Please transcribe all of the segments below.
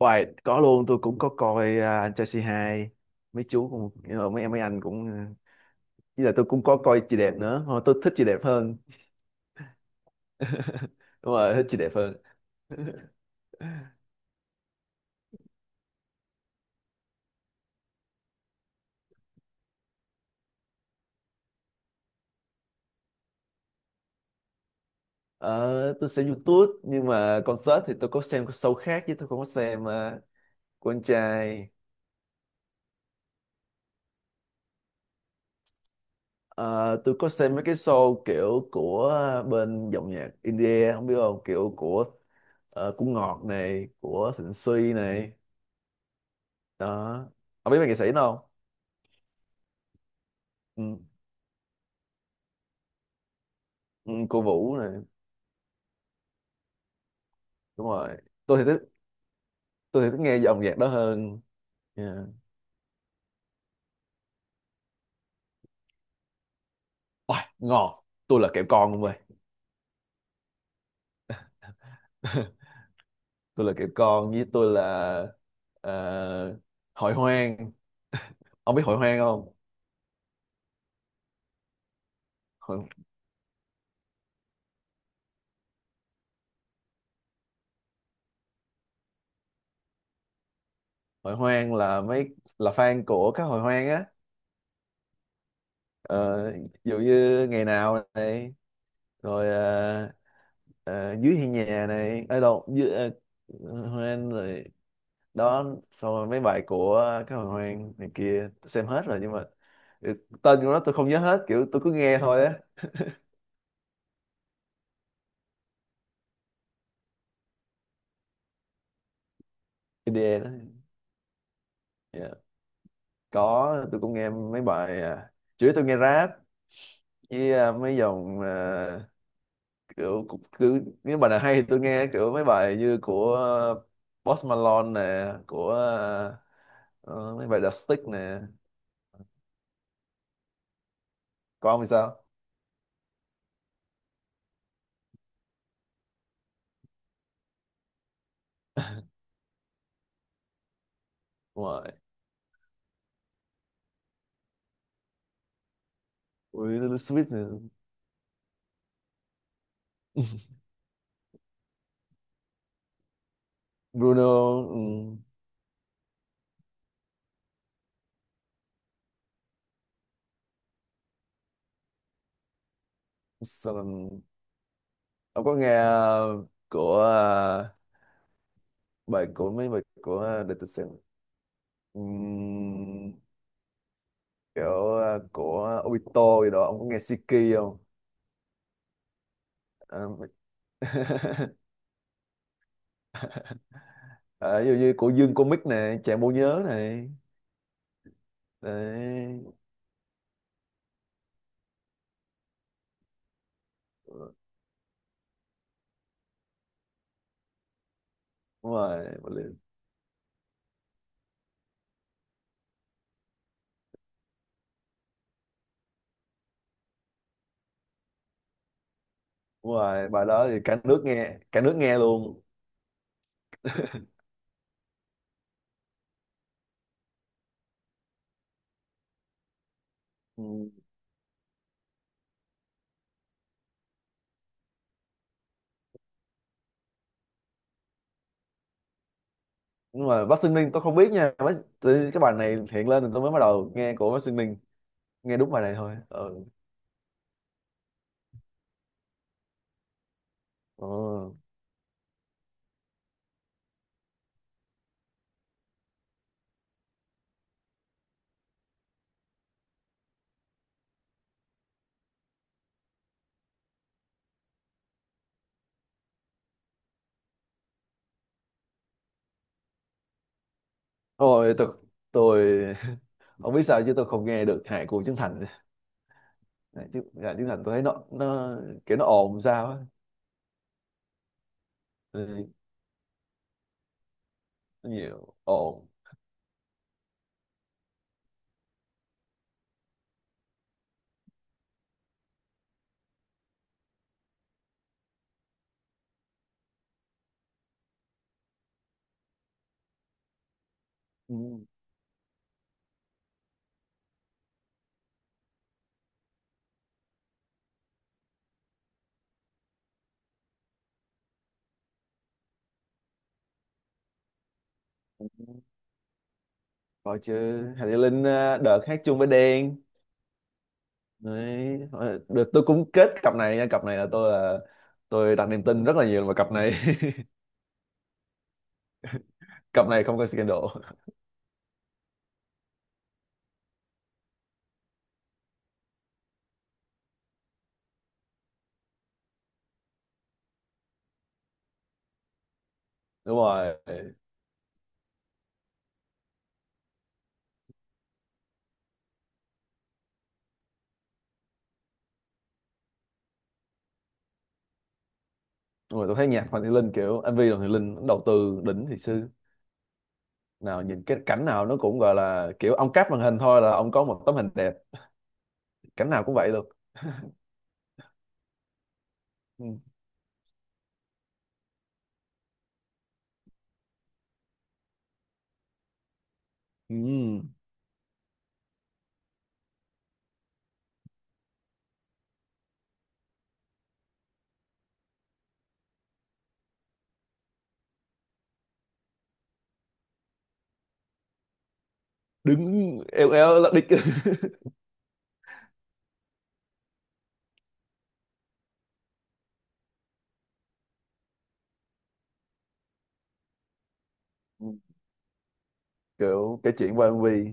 Hoài, có luôn, tôi cũng có coi à, anh trai c hai mấy chú cũng mấy em mấy anh cũng với là tôi cũng có coi chị đẹp nữa. Thôi, tôi thích chị đẹp hơn. Đúng rồi, thích chị đẹp hơn. Ờ, tôi xem YouTube nhưng mà concert thì tôi có xem cái show khác chứ tôi không có xem của anh trai. Ờ, tôi có xem mấy cái show kiểu của bên dòng nhạc India, không biết không, kiểu của của Ngọt này, của Thịnh Suy này đó, không biết mấy nghệ sĩ đó. Ừ. Ừ, cô Vũ này, đúng rồi. tôi thì thích tôi thì thích nghe dòng nhạc đó hơn. Yeah. Ôi, ngon, tôi là kẹo con luôn ơi. Tôi là kẹo con với tôi là ờ, hội hoang. Ông biết hội hoang không? hội, Hội hoang là mấy là fan của các hội hoang á. Ờ, ví dụ như ngày nào này rồi dưới hiên nhà này, ở đâu dưới hoang rồi đó. Xong rồi mấy bài của cái hồi hoang này kia tôi xem hết rồi nhưng mà ừ, tên của nó tôi không nhớ hết, kiểu tôi cứ nghe thôi á. IDE đó. Dạ, có, tôi cũng nghe mấy bài chủ yếu tôi nghe rap với mấy dòng kiểu cứ nếu bài nào hay thì tôi nghe, kiểu mấy bài như của Post Malone nè, của mấy bài The Stick nè. Còn ông thì sao? Đúng rồi, With Little Sweet nè. Bruno. Ừ. Sao? Ông có nghe ờ, của ờ, bài của mấy bài của để tôi xem. Ừm, kiểu của Obito gì đó, ông có nghe Siki không? Ờ. Ờ, ví dụ như của Dương Comic này, Chàng Bộ Nhớ này. Đấy. Đúng rồi, đúng rồi, bài đó thì cả nước nghe luôn. Ừ. Nhưng mà Bắc Ninh tôi không biết nha. Tự nhiên cái bài này hiện lên thì tôi mới bắt đầu nghe của Bắc Ninh, nghe đúng bài này thôi. Ừ. Ừ. Ôi, tôi không biết sao chứ tôi không nghe được hải của Trấn Thành. Hải Trấn Thành tôi thấy nó kiểu nó ồn sao á. Ừ, nó nhiều ồn. Ừ. Rồi chứ, hải Thị Linh à, đợt hát chung với Đen. Đấy, rồi, được, tôi cũng kết cặp này nha. Cặp này là tôi là Tôi đặt niềm tin rất là nhiều vào cặp này. Cặp này không có scandal. Đúng rồi. Đúng rồi, tôi thấy nhạc hoàng Thị Linh, kiểu MV hoàng Thị Linh nó đầu tư đỉnh thì sư, nào nhìn cái cảnh nào nó cũng gọi là kiểu ông cắt màn hình thôi là ông có một tấm hình đẹp, cảnh nào cũng vậy luôn. Ừ. Ừ. Đứng eo eo là địch. Ừ, kiểu cái chuyện quan vi.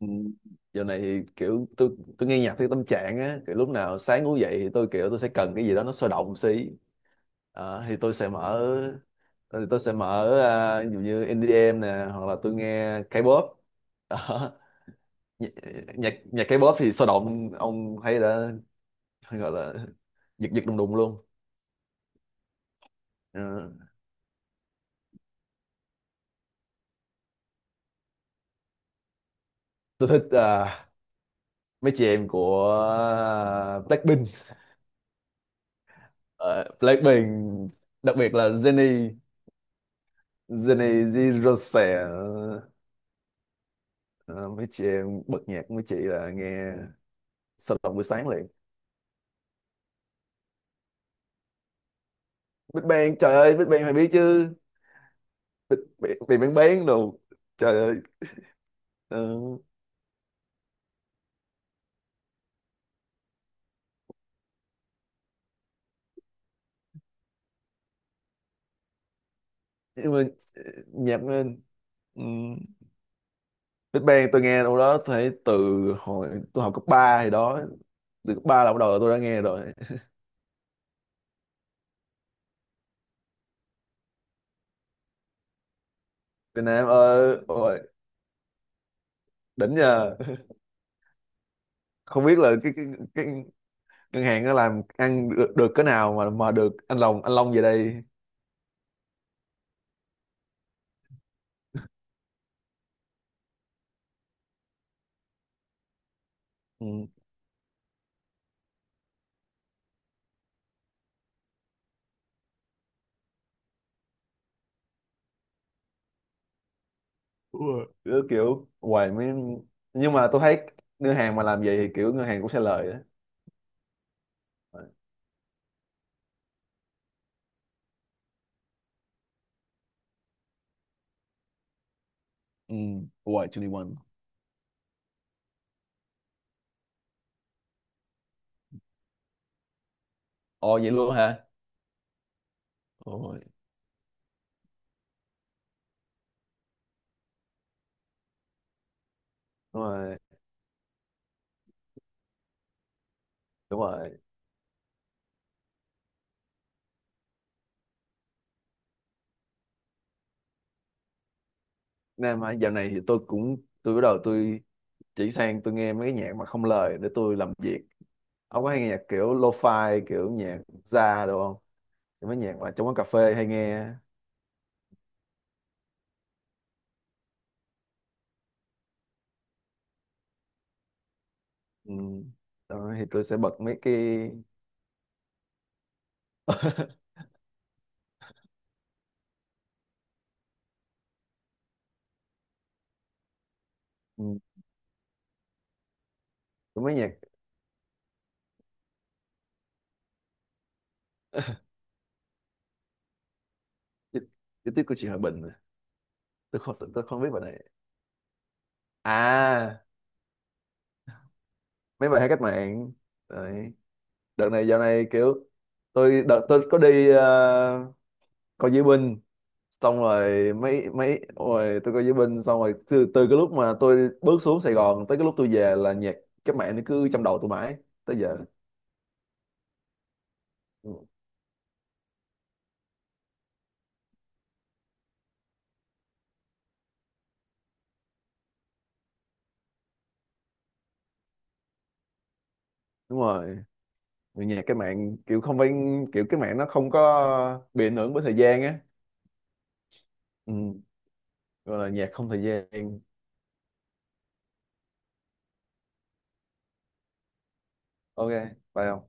Ừ, giờ này thì kiểu tôi nghe nhạc theo tâm trạng á, kiểu lúc nào sáng ngủ dậy thì tôi kiểu tôi sẽ cần cái gì đó nó sôi động xí. Ờ, thì tôi sẽ mở ờ, thì tôi sẽ mở ví dụ như EDM nè hoặc là tôi nghe K-pop. Đó. Nhạc, nhạc K-pop thì sôi động, ông thấy đã, hay gọi là giật giật đùng đùng luôn. Ờ, tôi thích mấy chị em của Blackpink. Ờ, Blackpink, đặc biệt là Jennie. Jennie Jirose. Ờ, mấy chị em bật nhạc của mấy chị là nghe sôi động buổi sáng liền. Big Bang trời ơi, Big Bang phải biết chứ. Big Big Bang bán đồ trời ơi. Ờ, nhưng mà ờ, nhạc lên. Big Bang tôi nghe đâu đó thấy từ hồi tôi học cấp 3 thì đó, từ cấp 3 là bắt đầu tôi đã nghe rồi. Việt Nam ơi, ôi đỉnh nha. Không biết là cái ngân hàng nó làm ăn được, được cái nào mà được anh Long, anh Long về đây. Ừ, cứ kiểu hoài mới. Nhưng mà tôi thấy ngân hàng mà làm vậy thì kiểu ngân hàng cũng sẽ lời đó. Ừ. Hoài 21. Ồ, vậy luôn hả? Ôi, đúng rồi, đúng rồi. Nên mà dạo này thì tôi cũng tôi bắt đầu tôi chỉ sang tôi nghe mấy cái nhạc mà không lời để tôi làm việc. Ông có hay nghe nhạc kiểu lo-fi, kiểu nhạc jazz được không? Mấy nhạc mà trong quán cà phê hay nghe. Ừ. Đó, thì tôi sẽ bật mấy cái. Ừ, có mấy nhạc. Chi- chi tiết của chị Hòa Bình à. Tôi không, tôi không biết bài này. À, mấy bài hát cách mạng. Đấy, đợt này dạo này kiểu tôi, đợt tôi có đi coi diễu binh, xong rồi mấy mấy rồi tôi coi diễu binh xong rồi, từ từ cái lúc mà tôi bước xuống Sài Gòn tới cái lúc tôi về là nhạc cách mạng nó cứ trong đầu tôi mãi tới giờ. Ừ, đúng rồi. Vì nhạc cái mạng kiểu không phải, kiểu cái mạng nó không có bị ảnh hưởng bởi thời gian á. Ừ, gọi là nhạc không thời gian. Ok, phải không?